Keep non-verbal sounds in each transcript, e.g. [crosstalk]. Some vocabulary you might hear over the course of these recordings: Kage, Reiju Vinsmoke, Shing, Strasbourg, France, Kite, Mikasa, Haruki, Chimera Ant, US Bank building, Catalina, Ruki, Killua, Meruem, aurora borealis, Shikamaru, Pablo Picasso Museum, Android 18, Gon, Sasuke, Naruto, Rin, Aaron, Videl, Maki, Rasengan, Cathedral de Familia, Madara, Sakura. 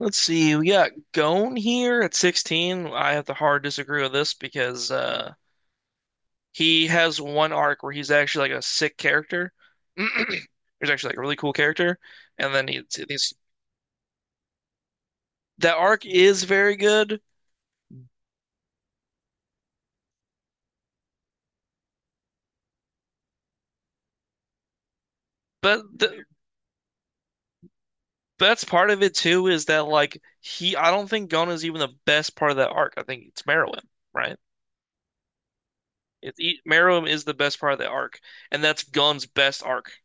Let's see. We got Gon here at 16. I have to hard disagree with this because he has one arc where he's actually like a sick character. [clears throat] He's actually like a really cool character, and then he's that arc is very good. But th That's part of it too is that like he I don't think Gon is even the best part of that arc. I think it's Meruem, right? It's e Meruem is the best part of the arc, and that's Gon's best arc.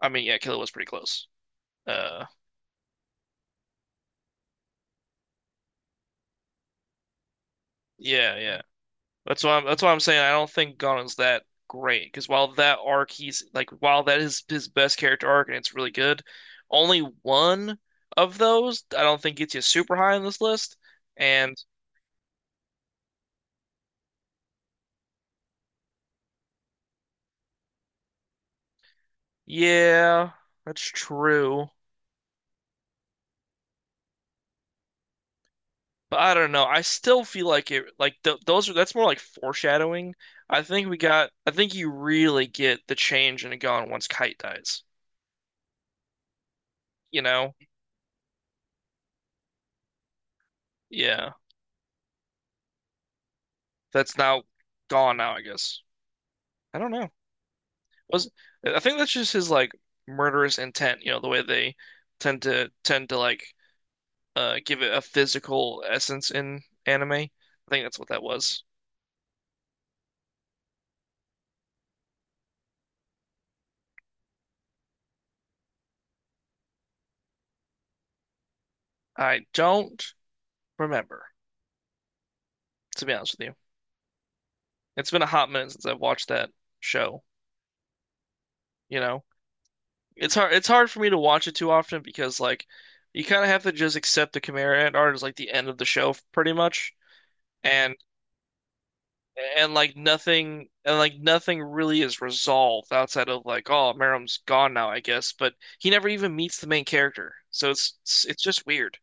I mean, yeah, Killua was pretty close. Uh, yeah, yeah. That's why I'm saying I don't think Gunna's that great because while that is his best character arc and it's really good, only one of those I don't think gets you super high on this list. And yeah, that's true. But I don't know. I still feel like it like th those are that's more like foreshadowing. I think you really get the change in Gon once Kite dies. You know? Yeah. That's now gone now, I guess. I don't know. Was I think that's just his like murderous intent, the way they tend to like give it a physical essence in anime. I think that's what that was. I don't remember, to be honest with you. It's been a hot minute since I've watched that show, you know. It's hard for me to watch it too often because like you kind of have to just accept the Chimera Ant art as like the end of the show pretty much. And and like nothing really is resolved outside of like, oh, Merrim's gone now, I guess, but he never even meets the main character, so it's just weird.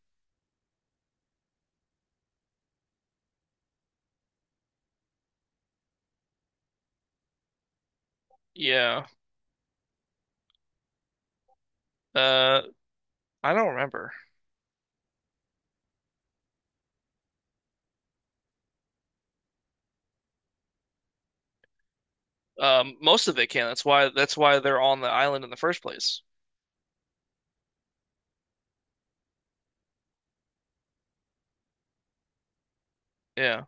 Yeah. uh I don't remember. Most of it can. That's why they're on the island in the first place. Yeah.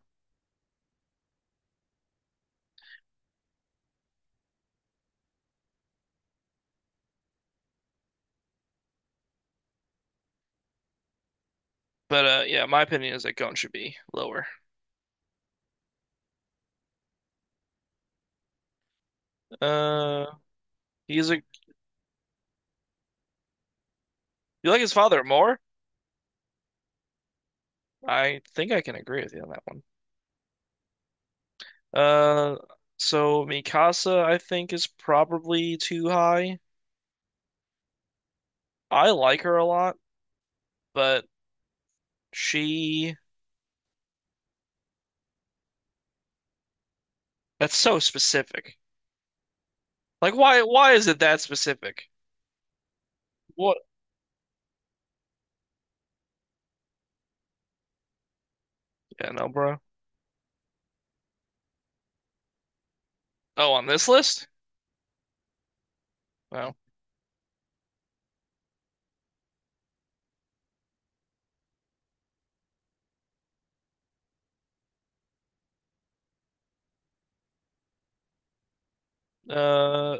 but yeah, my opinion is that Gon should be lower. Uh he's a You like his father more. I think I can agree with you on that one. uh so Mikasa I think is probably too high. I like her a lot, but she that's so specific. Like, why is it that specific? What? Yeah, no, bro. Oh, on this list? No. Uh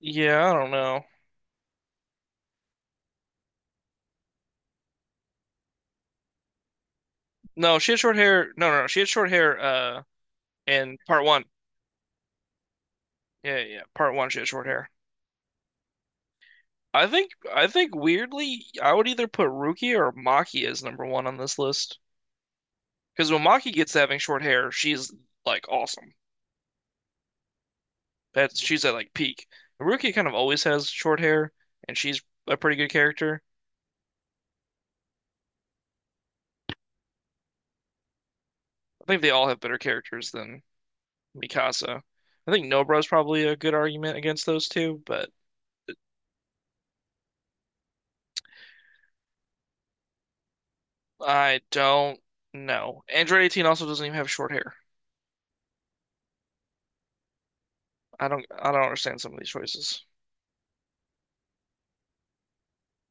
yeah, I don't know. No, she had short hair. No, no, no. She had short hair in part one. Yeah, yeah, yeah, part one she had short hair. I think weirdly I would either put Ruki or Maki as number one on this list. Because when Maki gets to having short hair, she's like awesome. That's she's at like peak. Haruki kind of always has short hair, and she's a pretty good character. I think they all have better characters than Mikasa. I think Nobra's probably a good argument against those two, but I don't know. Android 18 also doesn't even have short hair. I don't understand some of these choices.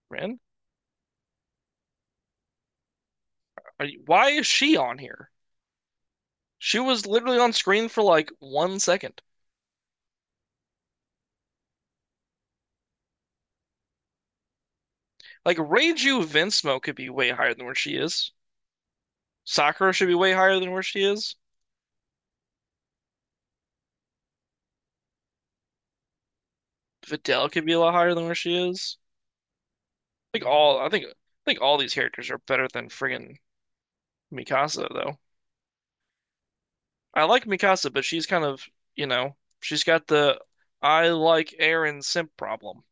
Rin, why is she on here? She was literally on screen for like 1 second. Like, Reiju Vinsmoke could be way higher than where she is. Sakura should be way higher than where she is. Videl could be a lot higher than where she is. Think all I think all these characters are better than friggin' Mikasa though. I like Mikasa, but she's kind of, you know, she's got the I like Aaron simp problem.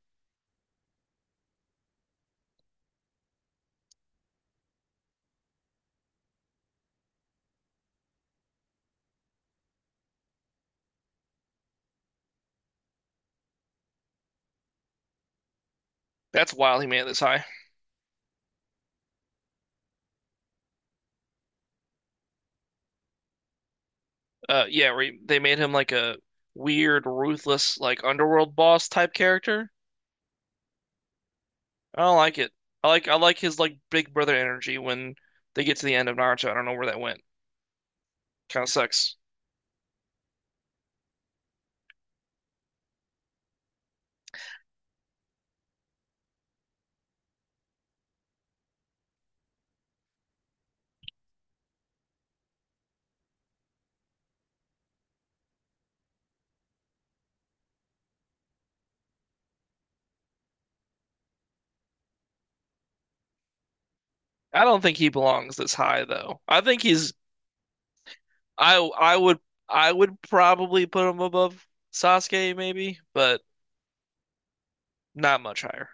That's wild he made it this high. Yeah, where they made him like a weird, ruthless, like underworld boss type character. I don't like it. I like his like big brother energy when they get to the end of Naruto. I don't know where that went. Kind of sucks. I don't think he belongs this high though. I think he's I would probably put him above Sasuke maybe, but not much higher.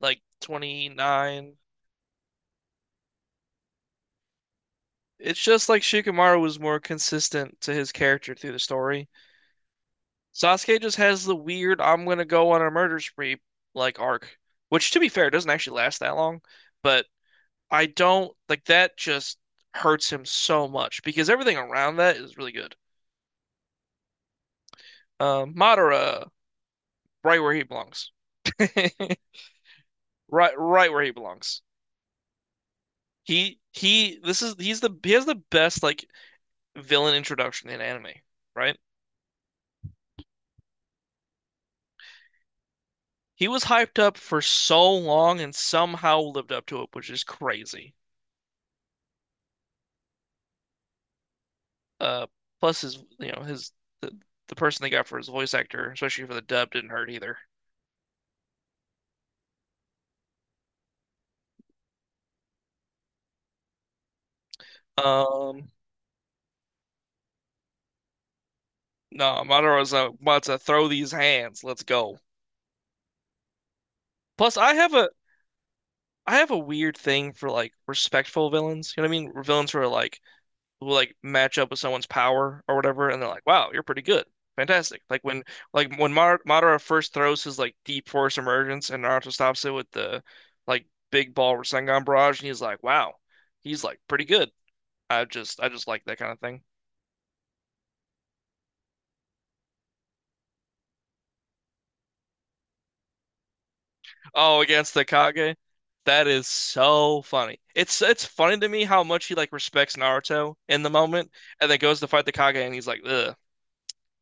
Like 29. It's just like Shikamaru was more consistent to his character through the story. Sasuke just has the weird I'm gonna go on a murder spree like arc, which to be fair doesn't actually last that long, but I don't like that just hurts him so much because everything around that is really good. Madara right where he belongs. [laughs] Right where he belongs. He this is he's the he has the best like villain introduction in anime, right? He was hyped up for so long and somehow lived up to it, which is crazy. Uh plus his, you know, his the, the person they got for his voice actor, especially for the dub, didn't hurt either. Um no, Madora's about to throw these hands. Let's go. Plus I have a weird thing for like respectful villains. You know what I mean? Villains who are like who like match up with someone's power or whatever, and they're like, "Wow, you're pretty good, fantastic!" Like when Mar Madara first throws his like deep force emergence, and Naruto stops it with the like big ball Rasengan barrage, and he's like, "Wow, he's like pretty good." I just like that kind of thing. Oh, against the Kage, that is so funny. It's funny to me how much he like respects Naruto in the moment, and then goes to fight the Kage, and he's like, "Ugh,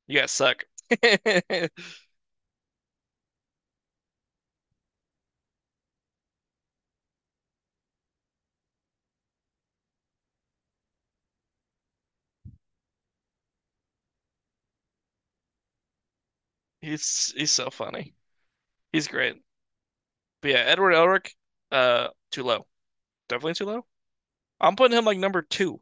you guys suck." [laughs] He's so funny. He's great. But yeah, Edward Elric, too low. Definitely too low. I'm putting him like number two,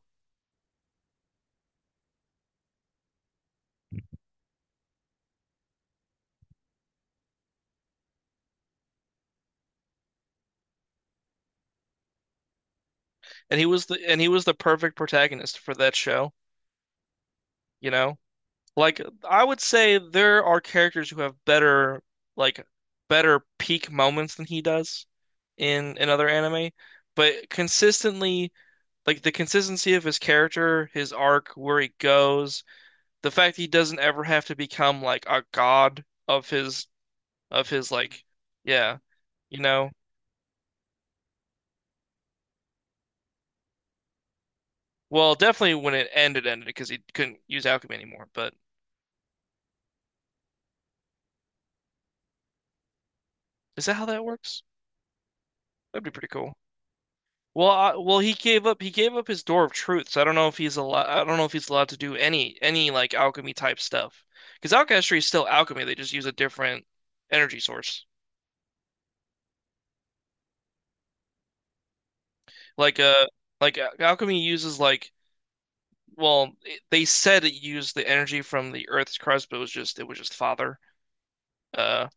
and he was the perfect protagonist for that show. You know, like I would say there are characters who have better like better peak moments than he does in another anime, but consistently. Like the consistency of his character, his arc, where he goes, the fact that he doesn't ever have to become like a god of his like yeah, you know. Well, definitely when it ended, ended because he couldn't use alchemy anymore. But is that how that works? That'd be pretty cool. Well, he gave up. He gave up his door of truth. So I don't know if he's allowed. I don't know if he's allowed to do any like alchemy type stuff. Because alchemy is still alchemy. They just use a different energy source. Like uh, al- alchemy uses like well, they said it used the energy from the Earth's crust, but it was just father. Uh,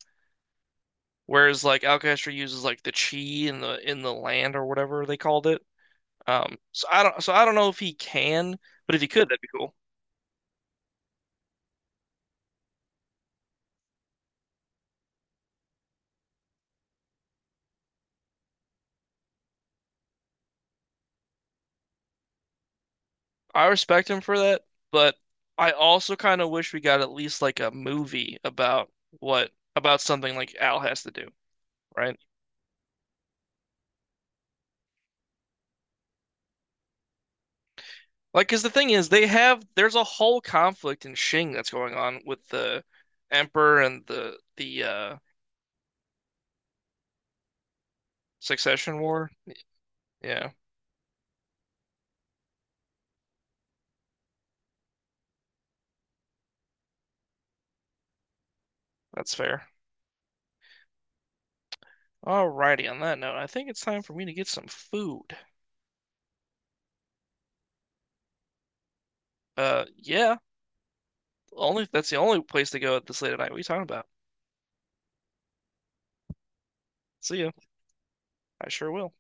whereas like alchemy uses like the chi in the land or whatever they called it. So I don't know if he can, but if he could, that'd be cool. I respect him for that, but I also kind of wish we got at least like a movie about what about something like Al has to do, right? Like, because the thing is, they have there's a whole conflict in Shing that's going on with the Emperor and the Succession War. Yeah, that's fair. Alrighty, on that note, I think it's time for me to get some food. Yeah, only that's the only place to go at this late at night. What are you talking about? See ya. I sure will.